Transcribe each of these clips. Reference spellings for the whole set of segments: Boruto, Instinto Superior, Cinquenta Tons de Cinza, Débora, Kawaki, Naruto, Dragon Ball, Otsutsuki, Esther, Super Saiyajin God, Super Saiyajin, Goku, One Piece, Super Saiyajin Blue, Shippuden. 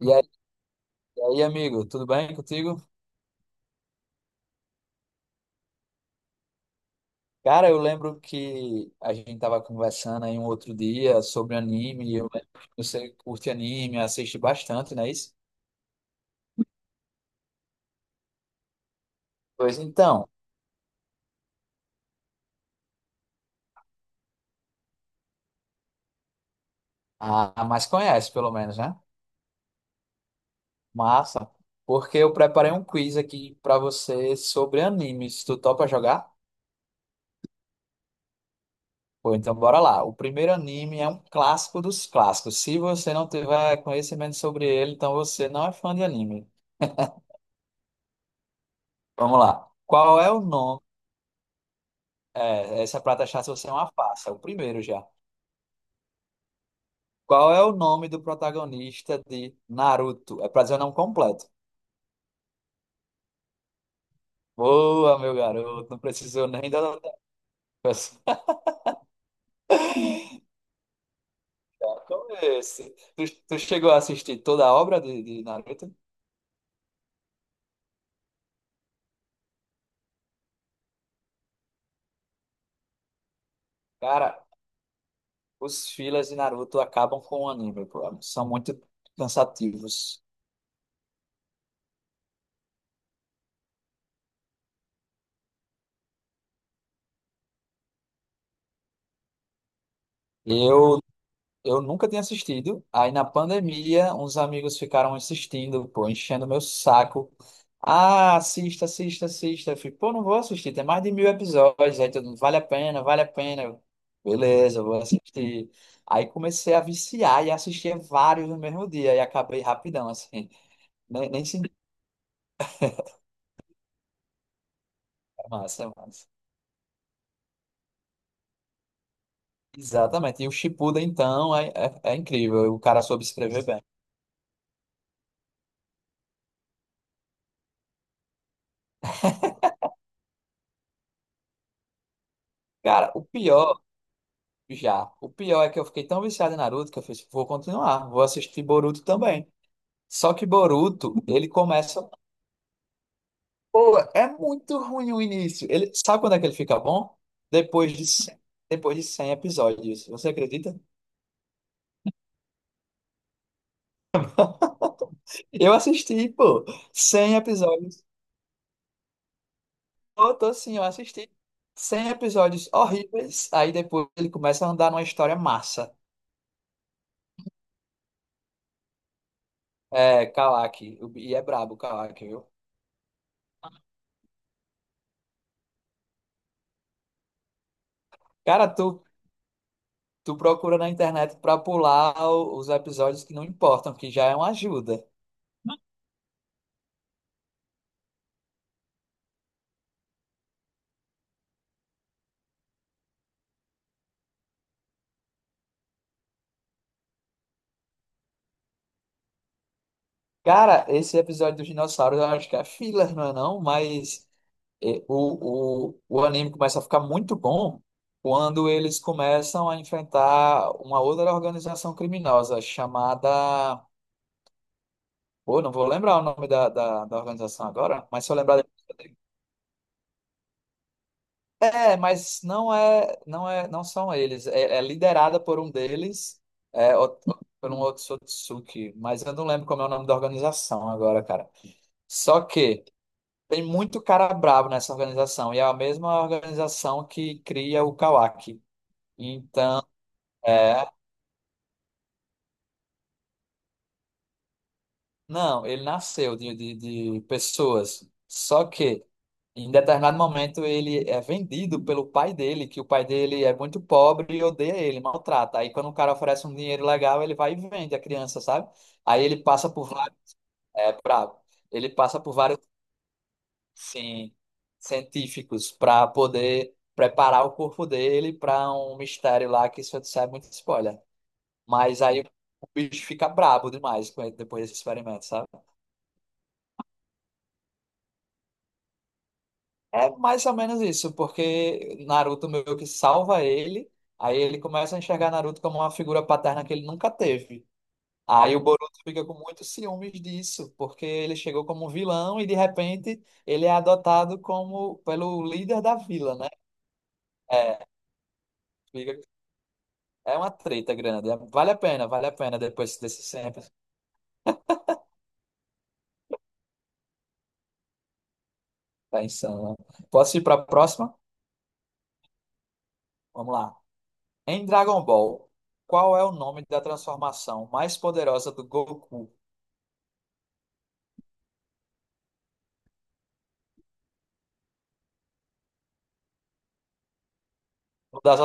E aí, e aí, amigo, tudo bem contigo? Cara, eu lembro que a gente tava conversando aí um outro dia sobre anime. Eu lembro que você curte anime, assiste bastante, não é isso? Pois então, a mais conhece, pelo menos, né? Massa. Porque eu preparei um quiz aqui pra você sobre animes. Tu topa jogar? Pô, então bora lá. O primeiro anime é um clássico dos clássicos. Se você não tiver conhecimento sobre ele, então você não é fã de anime. Vamos lá. Qual é o nome? É, essa é pra testar se você é uma farsa. O primeiro já. Qual é o nome do protagonista de Naruto? É pra dizer o nome completo. Boa, meu garoto. Não precisou nem da outra pessoa. Como é esse? Tu chegou a assistir toda a obra de Naruto? Cara, os fillers de Naruto acabam com o anime, pô. São muito cansativos. Eu Eu nunca tinha assistido. Aí na pandemia, uns amigos ficaram assistindo, pô, enchendo meu saco. Ah, assista, assista, assista. Eu fico, pô, não vou assistir, tem mais de mil episódios. Aí todo mundo, vale a pena, vale a pena. Beleza, eu vou assistir. Aí comecei a viciar e assistia vários no mesmo dia. E acabei rapidão, assim. Nem senti a massa. Exatamente. E o Shippuden, então, é incrível. O cara soube escrever bem. Cara, o pior. Já. O pior é que eu fiquei tão viciado em Naruto que eu fiz, vou continuar, vou assistir Boruto também. Só que Boruto, ele começa. Pô, é muito ruim o início. Ele... Sabe quando é que ele fica bom? Depois de 100, depois de cem episódios. Você acredita? Eu assisti, pô, 100 episódios. Eu tô assim, eu assisti 100 episódios horríveis. Aí depois ele começa a andar numa história massa. É, Kawaki. E é brabo o Kawaki, viu? Cara, Tu procura na internet pra pular os episódios que não importam, que já é uma ajuda. Cara, esse episódio dos dinossauros eu acho que é filler, não é não? Mas o anime começa a ficar muito bom quando eles começam a enfrentar uma outra organização criminosa chamada... Pô, não vou lembrar o nome da organização agora, mas se eu lembrar... depois. É, mas não são eles. É, é liderada por um deles, é, o- por um Otsutsuki, mas eu não lembro como é o nome da organização agora, cara. Só que tem muito cara bravo nessa organização, e é a mesma organização que cria o Kawaki. Então, é, Não, ele nasceu de pessoas. Só que, em determinado momento, ele é vendido pelo pai dele, que o pai dele é muito pobre e odeia ele, maltrata. Aí, quando o cara oferece um dinheiro legal, ele vai e vende a criança, sabe? Aí ele passa por vários, bravo. Ele passa por vários, sim, científicos para poder preparar o corpo dele para um mistério lá, que isso é muito spoiler. Mas aí o bicho fica brabo demais com ele depois desse experimento, sabe? É mais ou menos isso, porque Naruto meio que salva ele, aí ele começa a enxergar Naruto como uma figura paterna que ele nunca teve. Aí o Boruto fica com muitos ciúmes disso, porque ele chegou como vilão e de repente ele é adotado como pelo líder da vila, né? É, fica- é uma treta grande. Vale a pena depois desse sempre. Tá insano. Né? Posso ir para a próxima? Vamos lá. Em Dragon Ball, qual é o nome da transformação mais poderosa do Goku? Das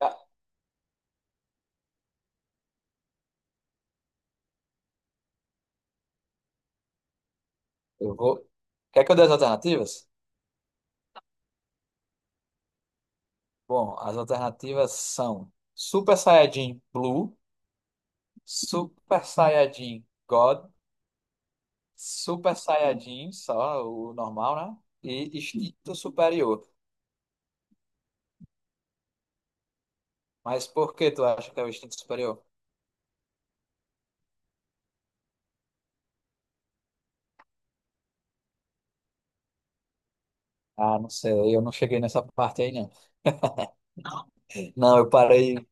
Ah, Eu vou. Quer que eu dê as alternativas? Bom, as alternativas são Super Saiyajin Blue, Super Saiyajin God, Super Saiyajin, só o normal, né? E Instinto Superior. Mas por que tu acha que é o Instinto Superior? Ah, não sei, eu não cheguei nessa parte aí, não. Não, eu parei.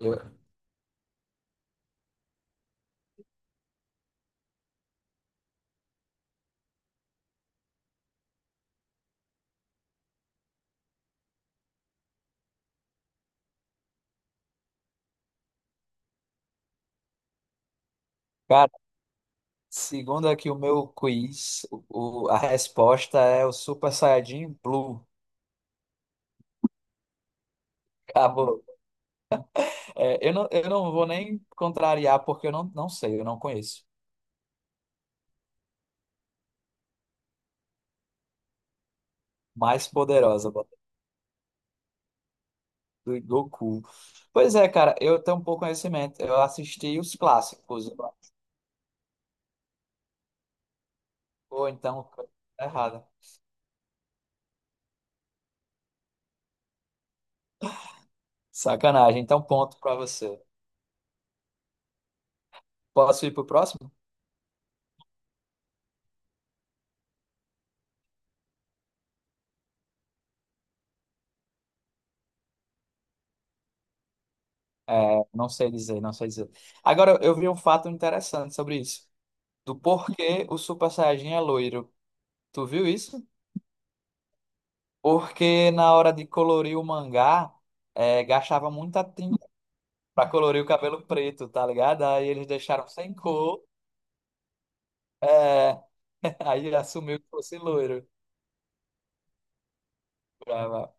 eu- Cara, segundo aqui o meu quiz, a resposta é o Super Saiyajin Blue. Acabou. É, eu não vou nem contrariar, porque eu não, não sei, eu não conheço. Mais poderosa do Goku. Pois é, cara, eu tenho um pouco conhecimento. Eu assisti os clássicos. Ou então, coisa tá errada. Sacanagem. Então, ponto pra você. Posso ir pro próximo? É, não sei dizer. Agora, eu vi um fato interessante sobre isso. Do porquê o Super Saiyajin é loiro. Tu viu isso? Porque na hora de colorir o mangá, gastava muita tinta pra colorir o cabelo preto, tá ligado? Aí eles deixaram sem cor, aí ele assumiu que fosse loiro. Brava.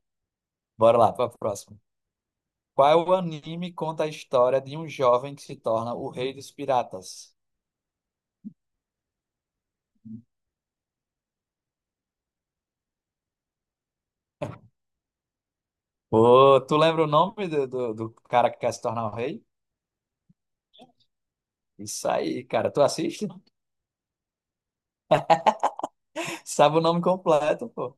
Bora lá, pra próxima. Qual anime conta a história de um jovem que se torna o rei dos piratas? Ô, tu lembra o nome do cara que quer se tornar o rei? Isso aí, cara. Tu assiste? Sabe o nome completo, pô.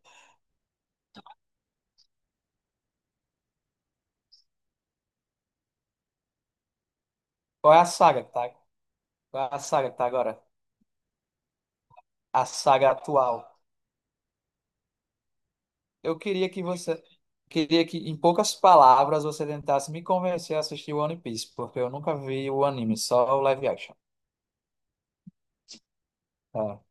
Qual é a saga que tá? Qual é a saga que tá agora? A saga atual. Eu queria que você, queria que, em poucas palavras, você tentasse me convencer a assistir One Piece, porque eu nunca vi o anime, só o live action. Tá?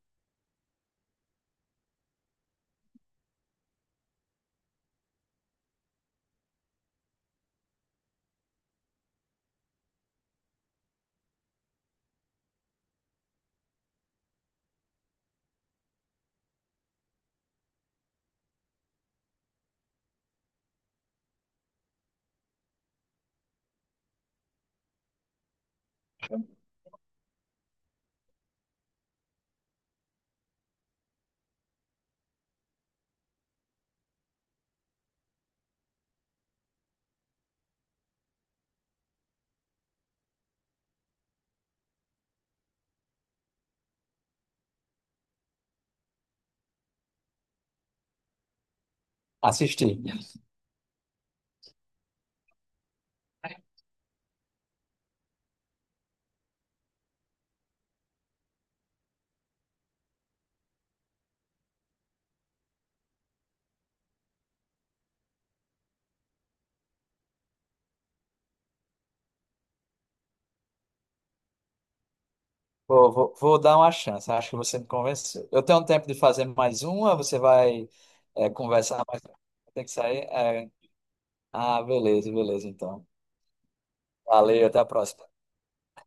Assisti. Vou dar uma chance, acho que você me convenceu. Eu tenho tempo de fazer mais uma, você vai, conversar mais. Tem que sair? É. Ah, beleza, então. Valeu, até a próxima.